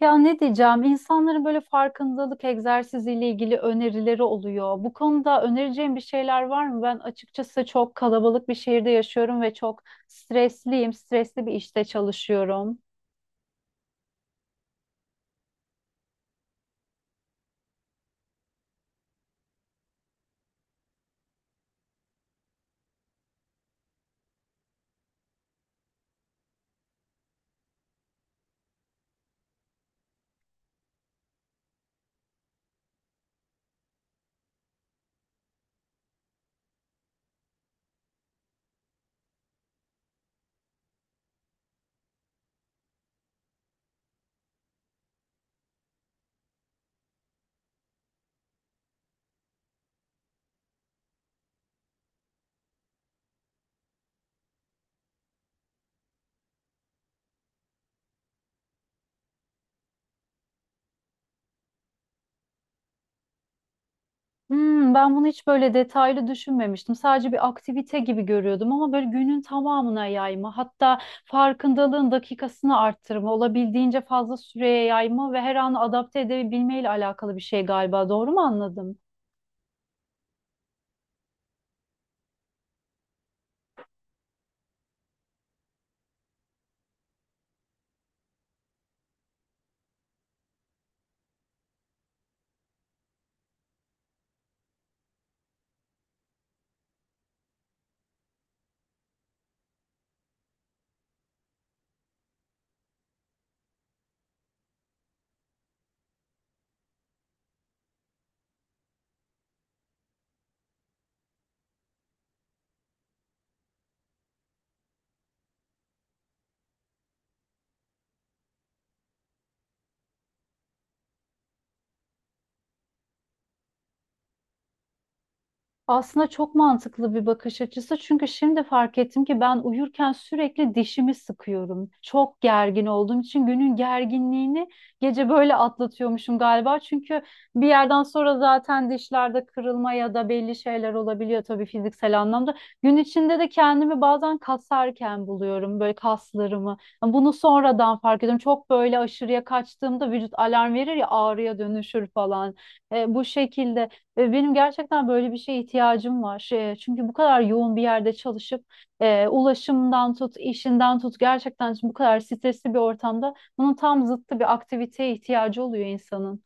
Ya ne diyeceğim? İnsanların böyle farkındalık egzersiziyle ilgili önerileri oluyor. Bu konuda önereceğim bir şeyler var mı? Ben açıkçası çok kalabalık bir şehirde yaşıyorum ve çok stresliyim. Stresli bir işte çalışıyorum. Ben bunu hiç böyle detaylı düşünmemiştim. Sadece bir aktivite gibi görüyordum ama böyle günün tamamına yayma, hatta farkındalığın dakikasını arttırma, olabildiğince fazla süreye yayma ve her an adapte edebilmeyle alakalı bir şey galiba. Doğru mu anladım? Aslında çok mantıklı bir bakış açısı çünkü şimdi fark ettim ki ben uyurken sürekli dişimi sıkıyorum. Çok gergin olduğum için günün gerginliğini gece böyle atlatıyormuşum galiba. Çünkü bir yerden sonra zaten dişlerde kırılma ya da belli şeyler olabiliyor tabii fiziksel anlamda. Gün içinde de kendimi bazen kasarken buluyorum böyle kaslarımı. Bunu sonradan fark ediyorum. Çok böyle aşırıya kaçtığımda vücut alarm verir ya ağrıya dönüşür falan. Bu şekilde. Ve benim gerçekten böyle bir şeye ihtiyacım var. Çünkü bu kadar yoğun bir yerde çalışıp ulaşımdan tut, işinden tut gerçekten bu kadar stresli bir ortamda bunun tam zıttı bir aktiviteye ihtiyacı oluyor insanın.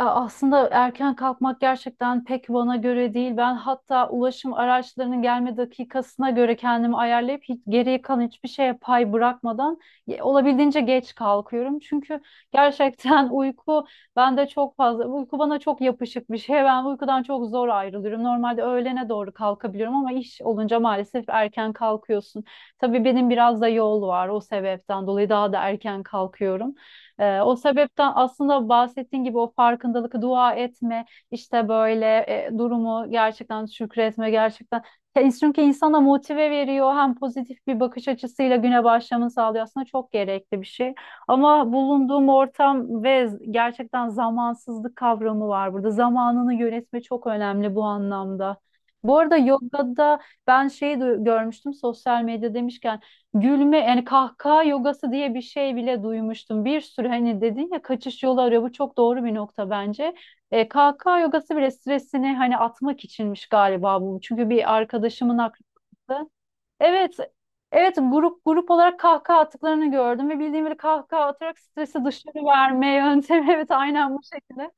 Aslında erken kalkmak gerçekten pek bana göre değil. Ben hatta ulaşım araçlarının gelme dakikasına göre kendimi ayarlayıp hiç, geriye kalan hiçbir şeye pay bırakmadan olabildiğince geç kalkıyorum. Çünkü gerçekten uyku bende çok fazla, uyku bana çok yapışık bir şey. Ben uykudan çok zor ayrılıyorum. Normalde öğlene doğru kalkabiliyorum ama iş olunca maalesef erken kalkıyorsun. Tabii benim biraz da yol var o sebepten dolayı daha da erken kalkıyorum. O sebepten aslında bahsettiğin gibi o farkındalık, dua etme, işte böyle durumu gerçekten şükretme, gerçekten. Ya çünkü insana motive veriyor, hem pozitif bir bakış açısıyla güne başlamanı sağlıyor. Aslında çok gerekli bir şey. Ama bulunduğum ortam ve gerçekten zamansızlık kavramı var burada. Zamanını yönetme çok önemli bu anlamda. Bu arada yogada ben şeyi görmüştüm, sosyal medya demişken. Gülme yani kahkaha yogası diye bir şey bile duymuştum. Bir sürü, hani dedin ya, kaçış yolu arıyor. Bu çok doğru bir nokta bence. Kahkaha yogası bile stresini hani atmak içinmiş galiba bu. Çünkü bir arkadaşımın aklında. Evet. Evet, grup grup olarak kahkaha attıklarını gördüm ve bildiğim bir kahkaha atarak stresi dışarı verme yöntemi. Evet, aynen bu şekilde.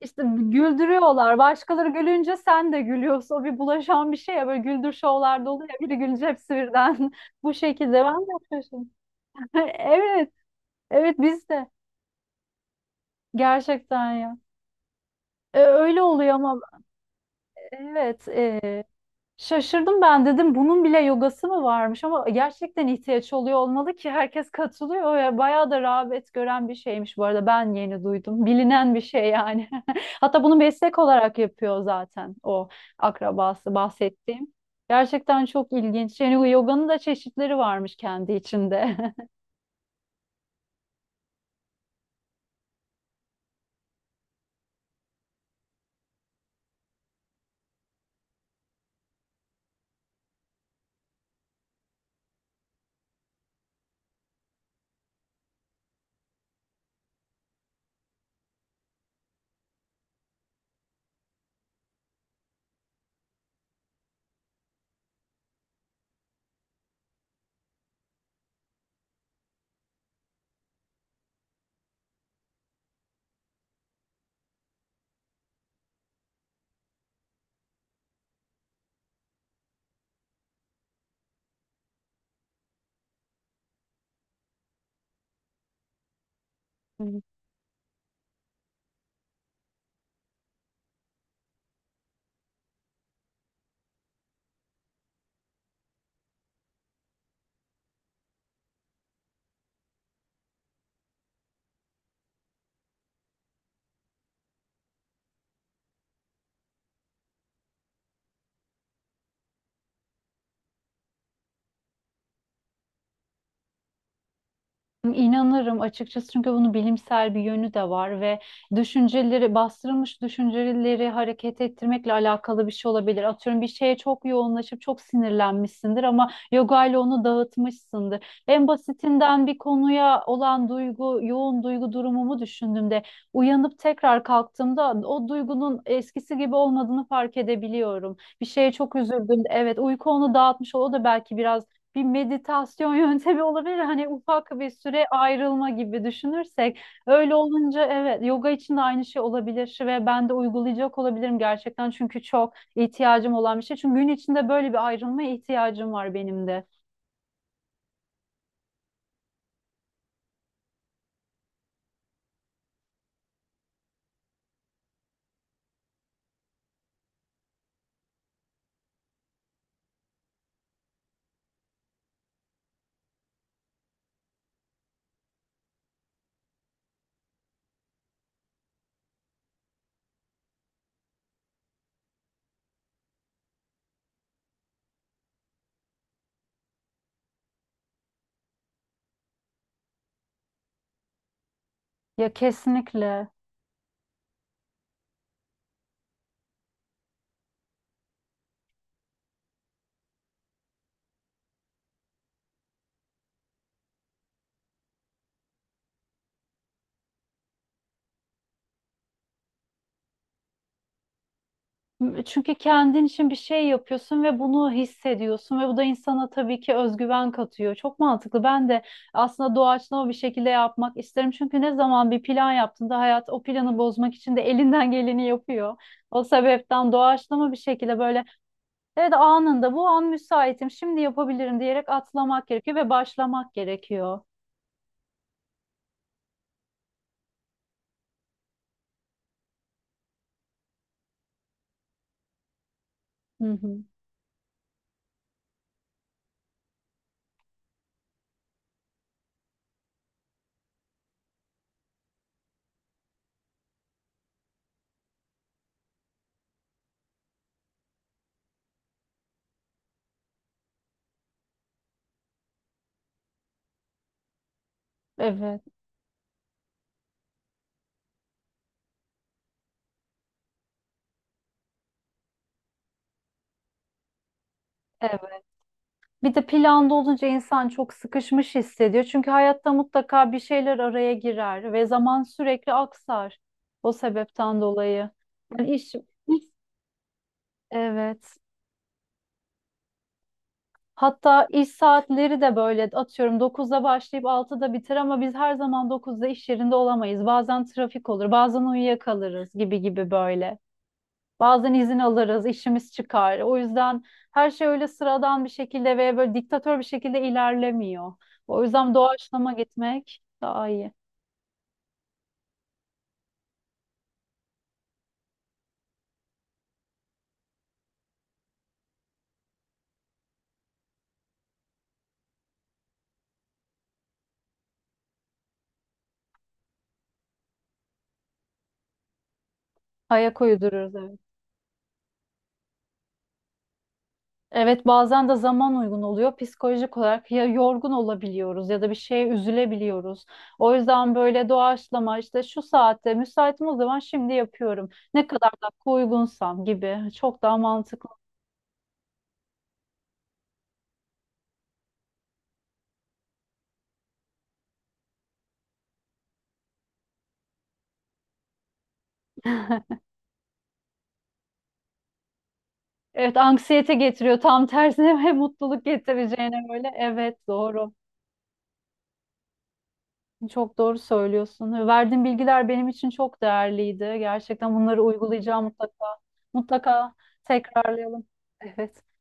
İşte güldürüyorlar. Başkaları gülünce sen de gülüyorsun. O bir bulaşan bir şey ya. Böyle güldür şovlarda oluyor ya. Biri gülünce hepsi birden bu şekilde. Ben de şaşırdım. Evet. Evet, biz de. Gerçekten ya. Öyle oluyor ama evet. Şaşırdım, ben dedim bunun bile yogası mı varmış, ama gerçekten ihtiyaç oluyor olmalı ki herkes katılıyor ya, bayağı da rağbet gören bir şeymiş, bu arada ben yeni duydum bilinen bir şey yani hatta bunu meslek olarak yapıyor zaten o akrabası bahsettiğim. Gerçekten çok ilginç yani, yoganın da çeşitleri varmış kendi içinde. İnanırım açıkçası çünkü bunun bilimsel bir yönü de var ve düşünceleri, bastırılmış düşünceleri hareket ettirmekle alakalı bir şey olabilir. Atıyorum, bir şeye çok yoğunlaşıp çok sinirlenmişsindir ama yoga ile onu dağıtmışsındır. En basitinden bir konuya olan duygu, yoğun duygu durumumu düşündüğümde uyanıp tekrar kalktığımda o duygunun eskisi gibi olmadığını fark edebiliyorum. Bir şeye çok üzüldüm. Evet, uyku onu dağıtmış, o da belki biraz bir meditasyon yöntemi olabilir. Hani ufak bir süre ayrılma gibi düşünürsek. Öyle olunca evet, yoga için de aynı şey olabilir ve ben de uygulayacak olabilirim gerçekten. Çünkü çok ihtiyacım olan bir şey. Çünkü gün içinde böyle bir ayrılmaya ihtiyacım var benim de. Ya kesinlikle. Çünkü kendin için bir şey yapıyorsun ve bunu hissediyorsun ve bu da insana tabii ki özgüven katıyor. Çok mantıklı. Ben de aslında doğaçlama bir şekilde yapmak isterim. Çünkü ne zaman bir plan yaptığında hayat o planı bozmak için de elinden geleni yapıyor. O sebepten doğaçlama bir şekilde böyle, evet, anında bu an müsaitim şimdi yapabilirim diyerek atlamak gerekiyor ve başlamak gerekiyor. Hı hı. Evet, evet. Bir de planda olunca insan çok sıkışmış hissediyor. Çünkü hayatta mutlaka bir şeyler araya girer ve zaman sürekli aksar. O sebepten dolayı. Yani iş, iş- evet. Hatta iş saatleri de böyle, atıyorum, 9'da başlayıp 6'da biter ama biz her zaman 9'da iş yerinde olamayız. Bazen trafik olur, bazen uyuyakalırız gibi gibi böyle. Bazen izin alırız, işimiz çıkar. O yüzden her şey öyle sıradan bir şekilde ve böyle diktatör bir şekilde ilerlemiyor. O yüzden doğaçlama gitmek daha iyi. Ayak uydururuz, evet. Evet, bazen de zaman uygun oluyor. Psikolojik olarak ya yorgun olabiliyoruz ya da bir şeye üzülebiliyoruz. O yüzden böyle doğaçlama işte, şu saatte müsaitim, o zaman şimdi yapıyorum. Ne kadar da uygunsam gibi, çok daha mantıklı. Evet, anksiyete getiriyor. Tam tersine ve mutluluk getireceğine böyle. Evet, doğru. Çok doğru söylüyorsun. Verdiğin bilgiler benim için çok değerliydi. Gerçekten bunları uygulayacağım mutlaka. Mutlaka tekrarlayalım. Evet.